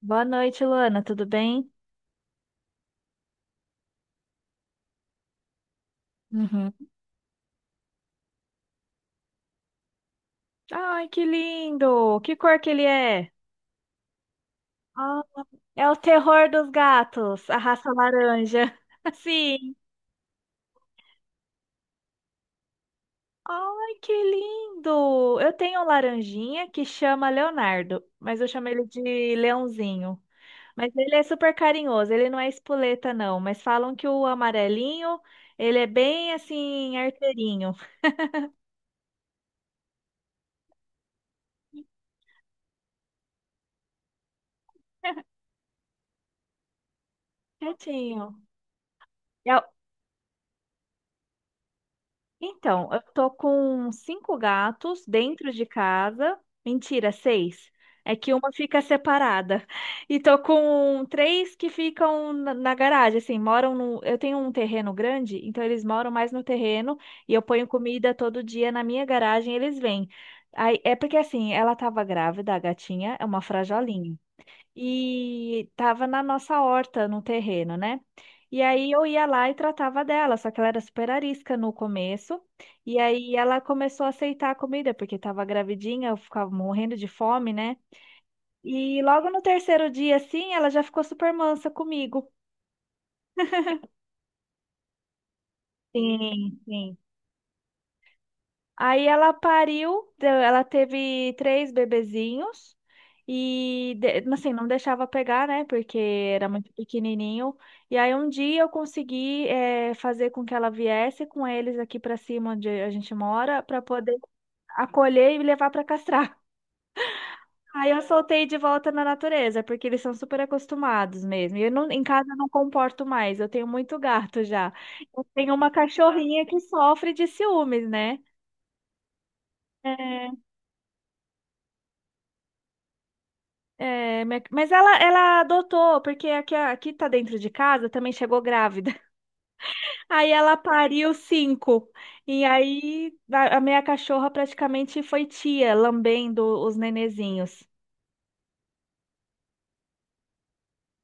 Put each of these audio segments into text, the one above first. Boa noite, Luana. Tudo bem? Uhum. Ai, que lindo! Que cor que ele é? Ah, é o terror dos gatos, a raça laranja. Sim. Ai, que lindo! Eu tenho um laranjinha que chama Leonardo, mas eu chamo ele de Leãozinho. Mas ele é super carinhoso, ele não é espoleta, não. Mas falam que o amarelinho, ele é bem assim, arteirinho. Quietinho. É, então, eu tô com cinco gatos dentro de casa. Mentira, seis. É que uma fica separada. E tô com três que ficam na garagem, assim, moram no. Eu tenho um terreno grande, então eles moram mais no terreno e eu ponho comida todo dia na minha garagem, e eles vêm. Aí, é porque assim, ela tava grávida, a gatinha é uma frajolinha e estava na nossa horta, no terreno, né? E aí eu ia lá e tratava dela, só que ela era super arisca no começo. E aí ela começou a aceitar a comida, porque estava gravidinha, eu ficava morrendo de fome, né? E logo no terceiro dia, assim, ela já ficou super mansa comigo. Sim, sim. Aí ela pariu, ela teve três bebezinhos e mas assim, não deixava pegar, né? Porque era muito pequenininho. E aí um dia eu consegui fazer com que ela viesse com eles aqui pra cima onde a gente mora pra poder acolher e levar pra castrar. Aí eu soltei de volta na natureza, porque eles são super acostumados mesmo. E eu não, em casa eu não comporto mais, eu tenho muito gato já. Eu tenho uma cachorrinha que sofre de ciúmes, né? É, é, mas ela adotou, porque aqui, aqui tá dentro de casa, também chegou grávida. Aí ela pariu cinco. E aí a minha cachorra praticamente foi tia, lambendo os nenezinhos.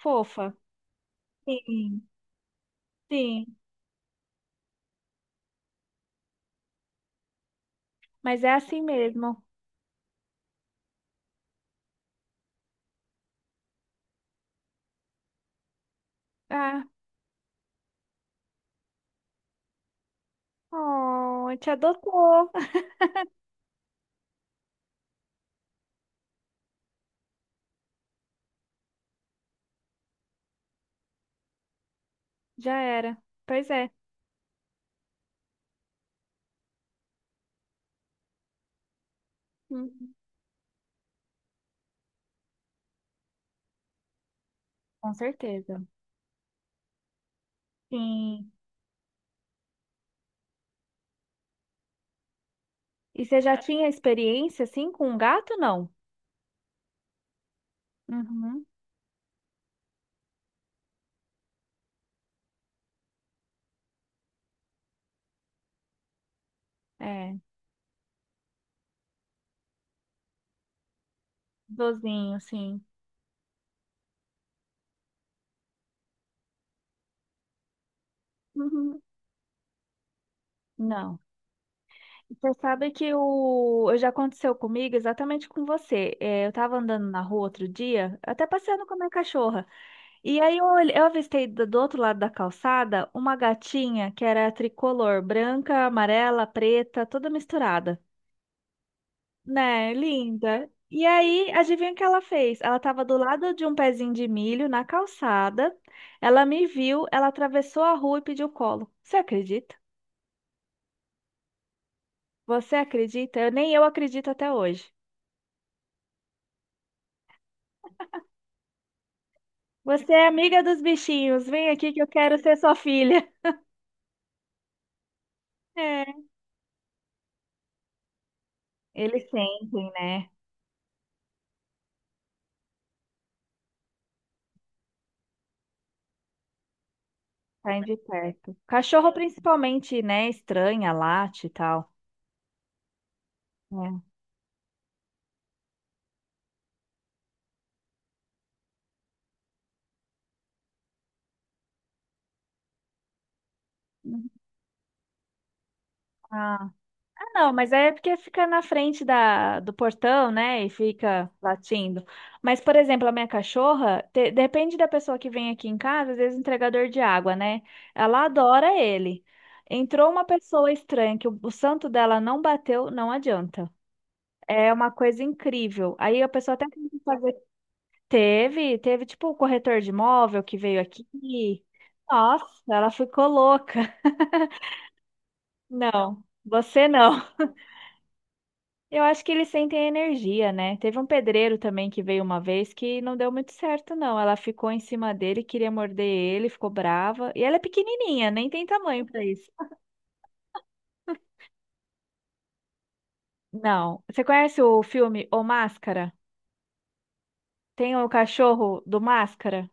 Fofa. Sim, sim. Mas é assim mesmo. Ah, oh, te adotou. Já era. Pois é. Uhum. Com certeza. Sim. E você já tinha experiência assim com um gato, não? Uhum. É, dozinho, sim. Uhum. Não. Você sabe que o... já aconteceu comigo exatamente com você. É, eu tava andando na rua outro dia, até passeando com a minha cachorra. E aí eu, eu avistei do outro lado da calçada uma gatinha que era tricolor, branca, amarela, preta, toda misturada. Né? Linda. E aí, adivinha o que ela fez? Ela estava do lado de um pezinho de milho na calçada. Ela me viu, ela atravessou a rua e pediu colo. Você acredita? Você acredita? Eu, nem eu acredito até hoje. Você é amiga dos bichinhos, vem aqui que eu quero ser sua filha. É. Eles sentem, né? Saem de perto. Cachorro principalmente, né? Estranha, late e tal. É. Ah. Ah, não, mas é porque fica na frente da, do portão, né? E fica latindo. Mas, por exemplo, a minha cachorra, depende da pessoa que vem aqui em casa, às vezes entregador de água, né? Ela adora ele. Entrou uma pessoa estranha que o santo dela não bateu, não adianta. É uma coisa incrível. Aí a pessoa até tenta fazer. Teve, teve tipo o corretor de imóvel que veio aqui. Nossa, ela ficou louca. Não, você não. Eu acho que eles sentem a energia, né? Teve um pedreiro também que veio uma vez que não deu muito certo, não. Ela ficou em cima dele, queria morder ele, ficou brava. E ela é pequenininha, nem tem tamanho pra isso. Não. Você conhece o filme O Máscara? Tem o cachorro do Máscara?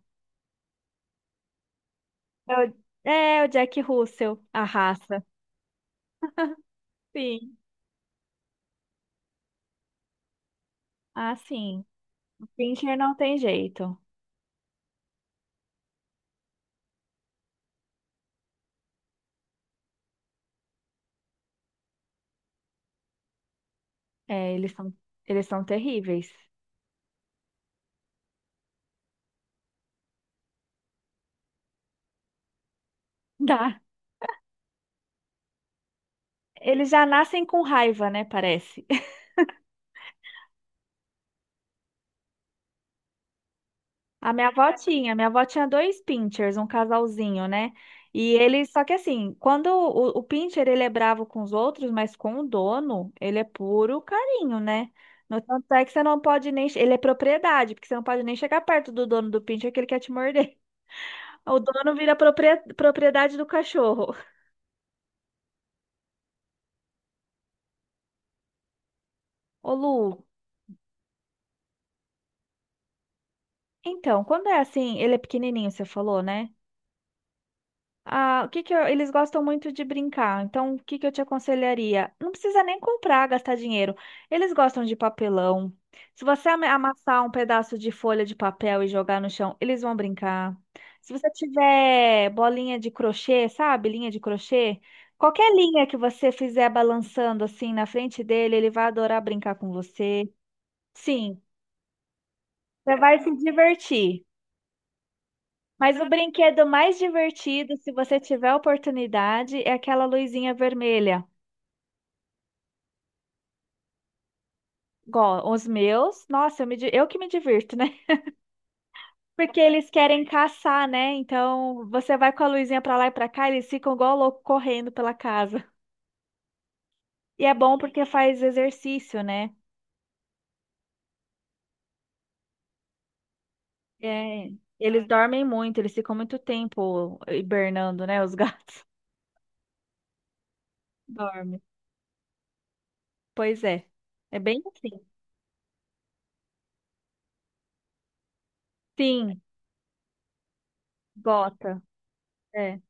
É o, é o Jack Russell, a raça. Sim. Ah, sim. O Pincher não tem jeito. É, eles são terríveis. Tá. Eles já nascem com raiva, né? Parece. A minha avó tinha dois Pinchers, um casalzinho, né? E ele, só que assim, quando o Pinscher, ele é bravo com os outros, mas com o dono, ele é puro carinho, né? No tanto é que você não pode nem, ele é propriedade, porque você não pode nem chegar perto do dono do Pinscher que ele quer te morder. O dono vira propriedade do cachorro. Ô, Lu, então, quando é assim, ele é pequenininho, você falou, né? Ah, o que que eu- eles gostam muito de brincar. Então, o que que eu te aconselharia? Não precisa nem comprar, gastar dinheiro. Eles gostam de papelão. Se você amassar um pedaço de folha de papel e jogar no chão, eles vão brincar. Se você tiver bolinha de crochê, sabe? Linha de crochê, qualquer linha que você fizer balançando assim na frente dele, ele vai adorar brincar com você. Sim, você vai se divertir. Mas o brinquedo mais divertido, se você tiver oportunidade, é aquela luzinha vermelha. Igual os meus, nossa, eu, eu que me divirto, né? Porque eles querem caçar, né? Então você vai com a luzinha pra lá e pra cá, eles ficam igual louco correndo pela casa. E é bom porque faz exercício, né? É, eles dormem muito, eles ficam muito tempo hibernando, né? Os gatos dormem. Pois é, é bem assim. Sim, gota. É.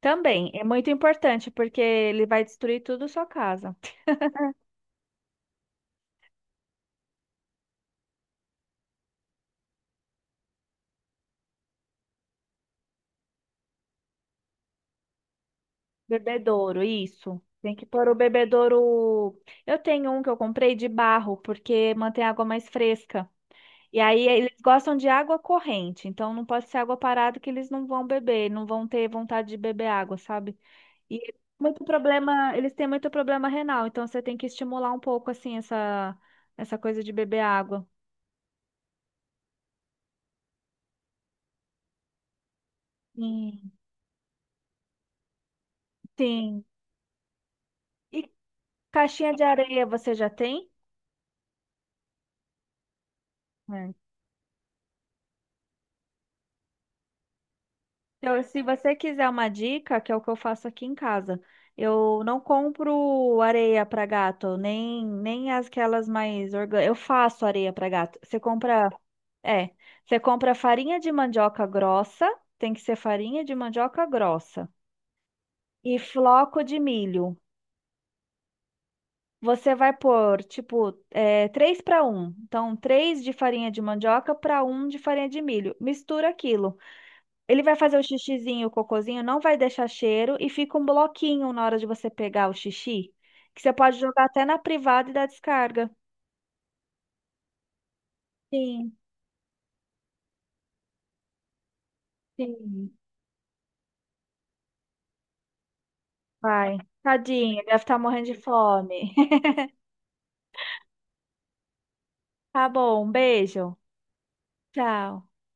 Também é muito importante porque ele vai destruir tudo a sua casa. Bebedouro, isso. Tem que pôr o bebedouro. Eu tenho um que eu comprei de barro porque mantém a água mais fresca. E aí eles gostam de água corrente, então não pode ser água parada que eles não vão beber, não vão ter vontade de beber água, sabe? E muito problema, eles têm muito problema renal, então você tem que estimular um pouco assim essa coisa de beber água. Sim, sim. E caixinha de areia você já tem? É. Então, se você quiser uma dica, que é o que eu faço aqui em casa, eu não compro areia para gato, nem as aquelas mais orgânicas. Eu faço areia para gato. Você compra, é, você compra farinha de mandioca grossa, tem que ser farinha de mandioca grossa, e floco de milho. Você vai pôr, tipo, 3 para um, então, 3 de farinha de mandioca para um de farinha de milho. Mistura aquilo. Ele vai fazer o xixizinho, o cocôzinho, não vai deixar cheiro e fica um bloquinho na hora de você pegar o xixi, que você pode jogar até na privada e dar descarga. Sim, sim. Vai. Tadinho, deve estar morrendo de fome. Tá bom, um beijo. Tchau.